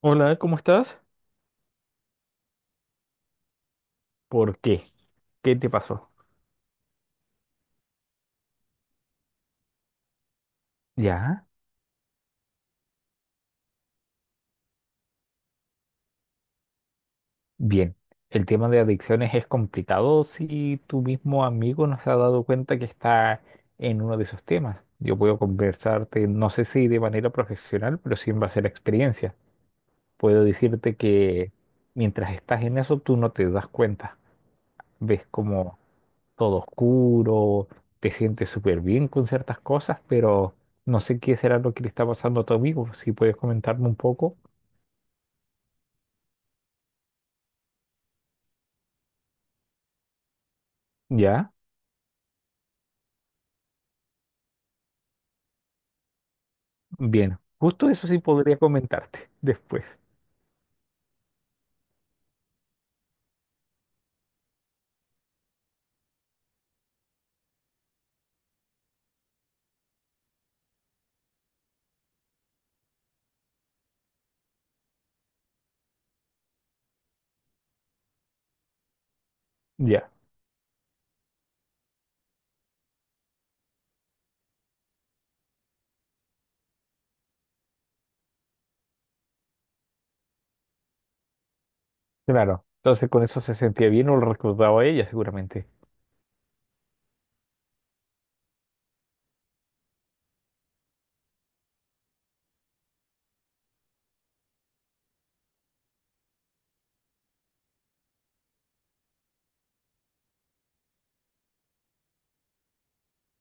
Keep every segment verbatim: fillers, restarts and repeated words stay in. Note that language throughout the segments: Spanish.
Hola, ¿cómo estás? ¿Por qué? ¿Qué te pasó? Ya, bien. El tema de adicciones es complicado si tu mismo amigo no se ha dado cuenta que está en uno de esos temas. Yo puedo conversarte, no sé si de manera profesional, pero sí en base a la experiencia. Puedo decirte que mientras estás en eso, tú no te das cuenta. Ves como todo oscuro, te sientes súper bien con ciertas cosas, pero no sé qué será lo que le está pasando a tu amigo. Si puedes comentarme un poco, ¿ya? Bien, justo eso sí podría comentarte después. Ya, claro. Entonces con eso se sentía bien o lo recordaba ella seguramente.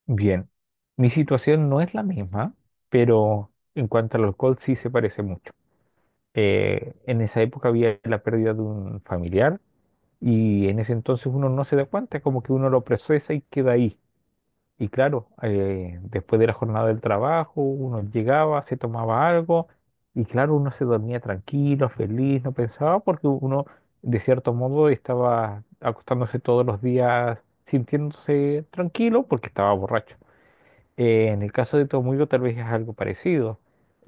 Bien, mi situación no es la misma, pero en cuanto al alcohol sí se parece mucho. Eh, en esa época había la pérdida de un familiar y en ese entonces uno no se da cuenta, como que uno lo procesa y queda ahí. Y claro, eh, después de la jornada del trabajo, uno llegaba, se tomaba algo, y claro, uno se dormía tranquilo, feliz, no pensaba, porque uno, de cierto modo, estaba acostándose todos los días sintiéndose tranquilo porque estaba borracho. Eh, en el caso de tu amigo, tal vez es algo parecido,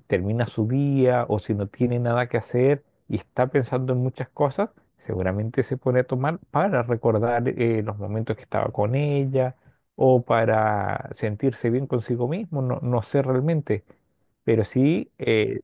termina su día o si no tiene nada que hacer y está pensando en muchas cosas, seguramente se pone a tomar para recordar eh, los momentos que estaba con ella o para sentirse bien consigo mismo, no, no sé realmente, pero sí, eh,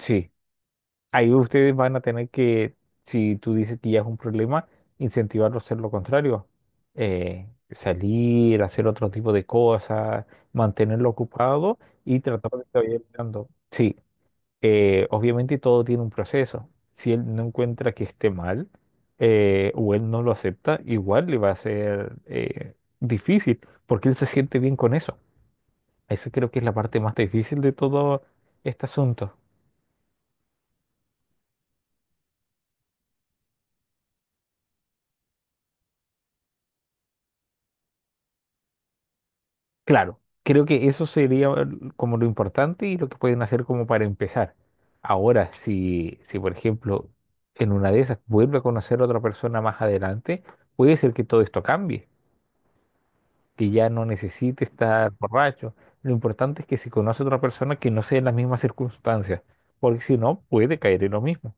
sí, ahí ustedes van a tener que, si tú dices que ya es un problema, incentivarlo a hacer lo contrario. Eh, salir, hacer otro tipo de cosas, mantenerlo ocupado y tratar de estar bien mirando. Sí, eh, obviamente todo tiene un proceso. Si él no encuentra que esté mal, eh, o él no lo acepta, igual le va a ser eh, difícil porque él se siente bien con eso. Eso creo que es la parte más difícil de todo este asunto. Claro, creo que eso sería el- como lo importante y lo que pueden hacer como para empezar. Ahora, si, si por ejemplo en una de esas vuelve a conocer a otra persona más adelante, puede ser que todo esto cambie, que ya no necesite estar borracho. Lo importante es que si conoce a otra persona que no sea en las mismas circunstancias, porque si no, puede caer en lo mismo.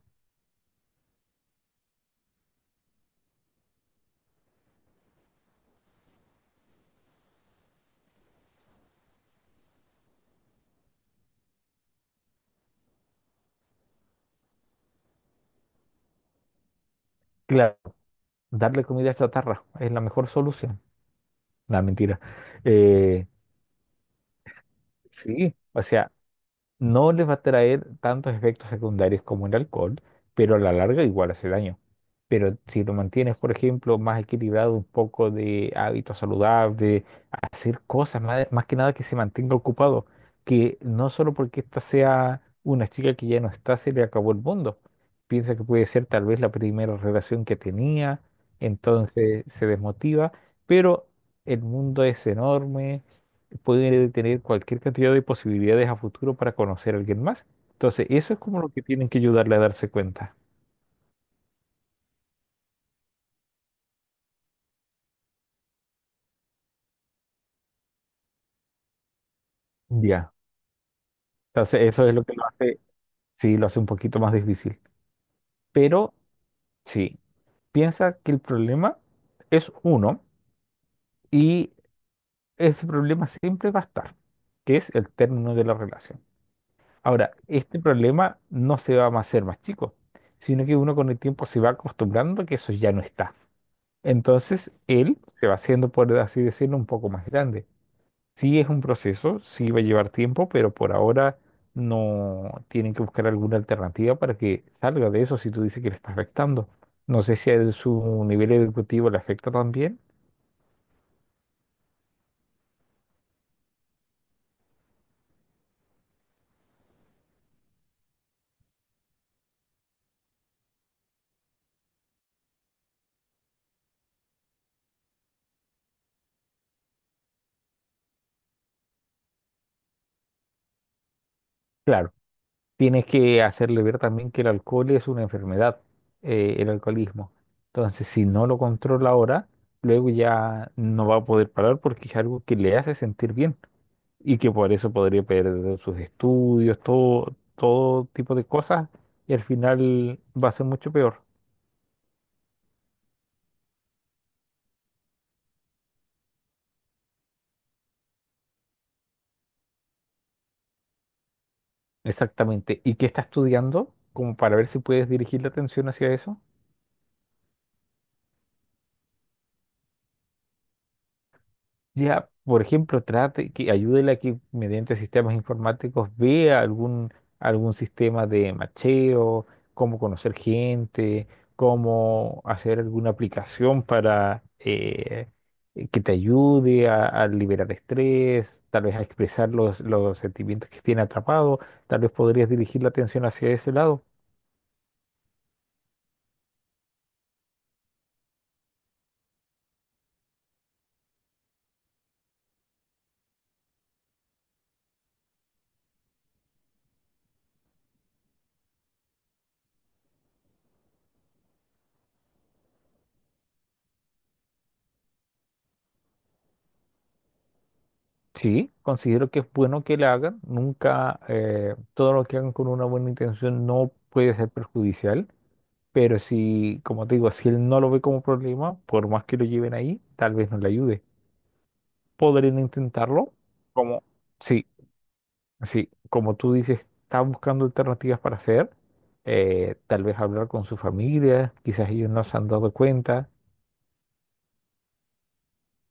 Claro, darle comida a chatarra es la mejor solución. La mentira. Eh, sí, o sea, no les va a traer tantos efectos secundarios como el alcohol, pero a la larga igual hace daño. Pero si lo mantienes, por ejemplo, más equilibrado, un poco de hábitos saludables, hacer cosas, más, más que nada que se mantenga ocupado, que no solo porque esta sea una chica que ya no está, se le acabó el mundo. Piensa que puede ser tal vez la primera relación que tenía, entonces se desmotiva, pero el mundo es enorme. Pueden tener cualquier cantidad de posibilidades a futuro para conocer a alguien más. Entonces, eso es como lo que tienen que ayudarle a darse cuenta. Ya. Entonces, eso es lo que lo hace, sí, lo hace un poquito más difícil. Pero sí, piensa que el problema es uno y ese problema siempre va a estar, que es el término de la relación. Ahora, este problema no se va a hacer más chico, sino que uno con el tiempo se va acostumbrando a que eso ya no está. Entonces él se va haciendo, por así decirlo, un poco más grande. Sí es un proceso, sí va a llevar tiempo, pero por ahora no tienen que buscar alguna alternativa para que salga de eso si tú dices que le está afectando. No sé si a su nivel educativo le afecta también. Claro, tienes que hacerle ver también que el alcohol es una enfermedad, eh, el alcoholismo. Entonces, si no lo controla ahora, luego ya no va a poder parar porque es algo que le hace sentir bien, y que por eso podría perder sus estudios, todo, todo tipo de cosas, y al final va a ser mucho peor. Exactamente. ¿Y qué está estudiando? Como para ver si puedes dirigir la atención hacia eso. Ya, por ejemplo, trate que ayúdele a que mediante sistemas informáticos vea algún, algún sistema de macheo, cómo conocer gente, cómo hacer alguna aplicación para eh, eh, que te ayude a, a liberar estrés, tal vez a expresar los, los sentimientos que tiene atrapado, tal vez podrías dirigir la atención hacia ese lado. Sí, considero que es bueno que la hagan, nunca eh, todo lo que hagan con una buena intención no puede ser perjudicial. Pero si, como te digo, si él no lo ve como problema, por más que lo lleven ahí, tal vez no le ayude. Podrían intentarlo, como, sí, sí, como tú dices, está buscando alternativas para hacer, eh, tal vez hablar con su familia, quizás ellos no se han dado cuenta.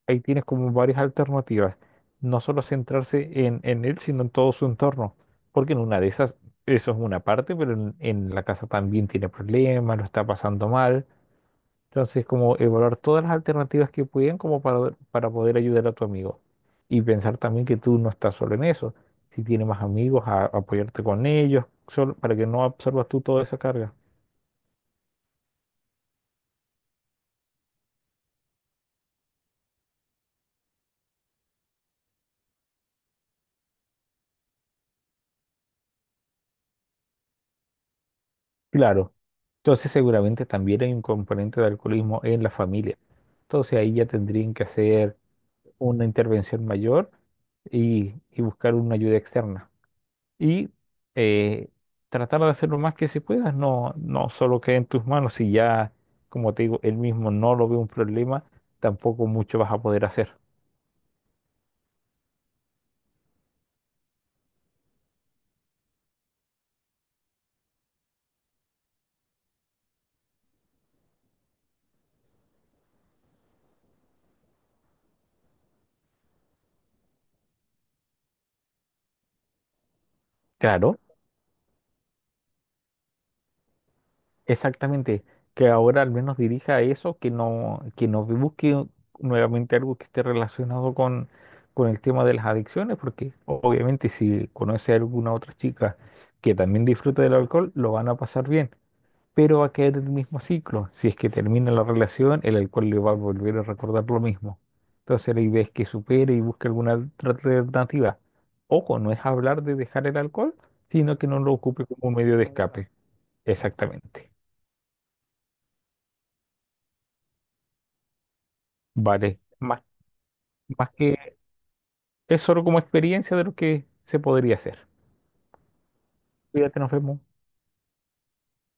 Ahí tienes como varias alternativas, no solo centrarse en, en él, sino en todo su entorno, porque en una de esas, eso es una parte, pero en en la casa también tiene problemas, lo está pasando mal. Entonces, como evaluar todas las alternativas que pueden como para, para poder ayudar a tu amigo. Y pensar también que tú no estás solo en eso. Si tienes más amigos, a, apoyarte con ellos, solo, para que no absorbas tú toda esa carga. Claro. Entonces, seguramente también hay un componente de alcoholismo en la familia. Entonces, ahí ya tendrían que hacer una intervención mayor y, y buscar una ayuda externa. y eh, Tratar de hacer lo más que se pueda, no, no solo quede en tus manos, si ya, como te digo, él mismo no lo ve un problema, tampoco mucho vas a poder hacer. Claro, exactamente, que ahora al menos dirija a eso, que no, que no busque nuevamente algo que esté relacionado con, con el tema de las adicciones, porque obviamente si conoce a alguna otra chica que también disfruta del alcohol, lo van a pasar bien pero va a caer en el mismo ciclo. Si es que termina la relación, el alcohol le va a volver a recordar lo mismo. Entonces la idea es que supere y busque alguna otra alternativa. Ojo, no es hablar de dejar el alcohol, sino que no lo ocupe como un medio de escape. Exactamente. Vale. Más, más que es solo como experiencia de lo que se podría hacer. Cuídate, nos vemos.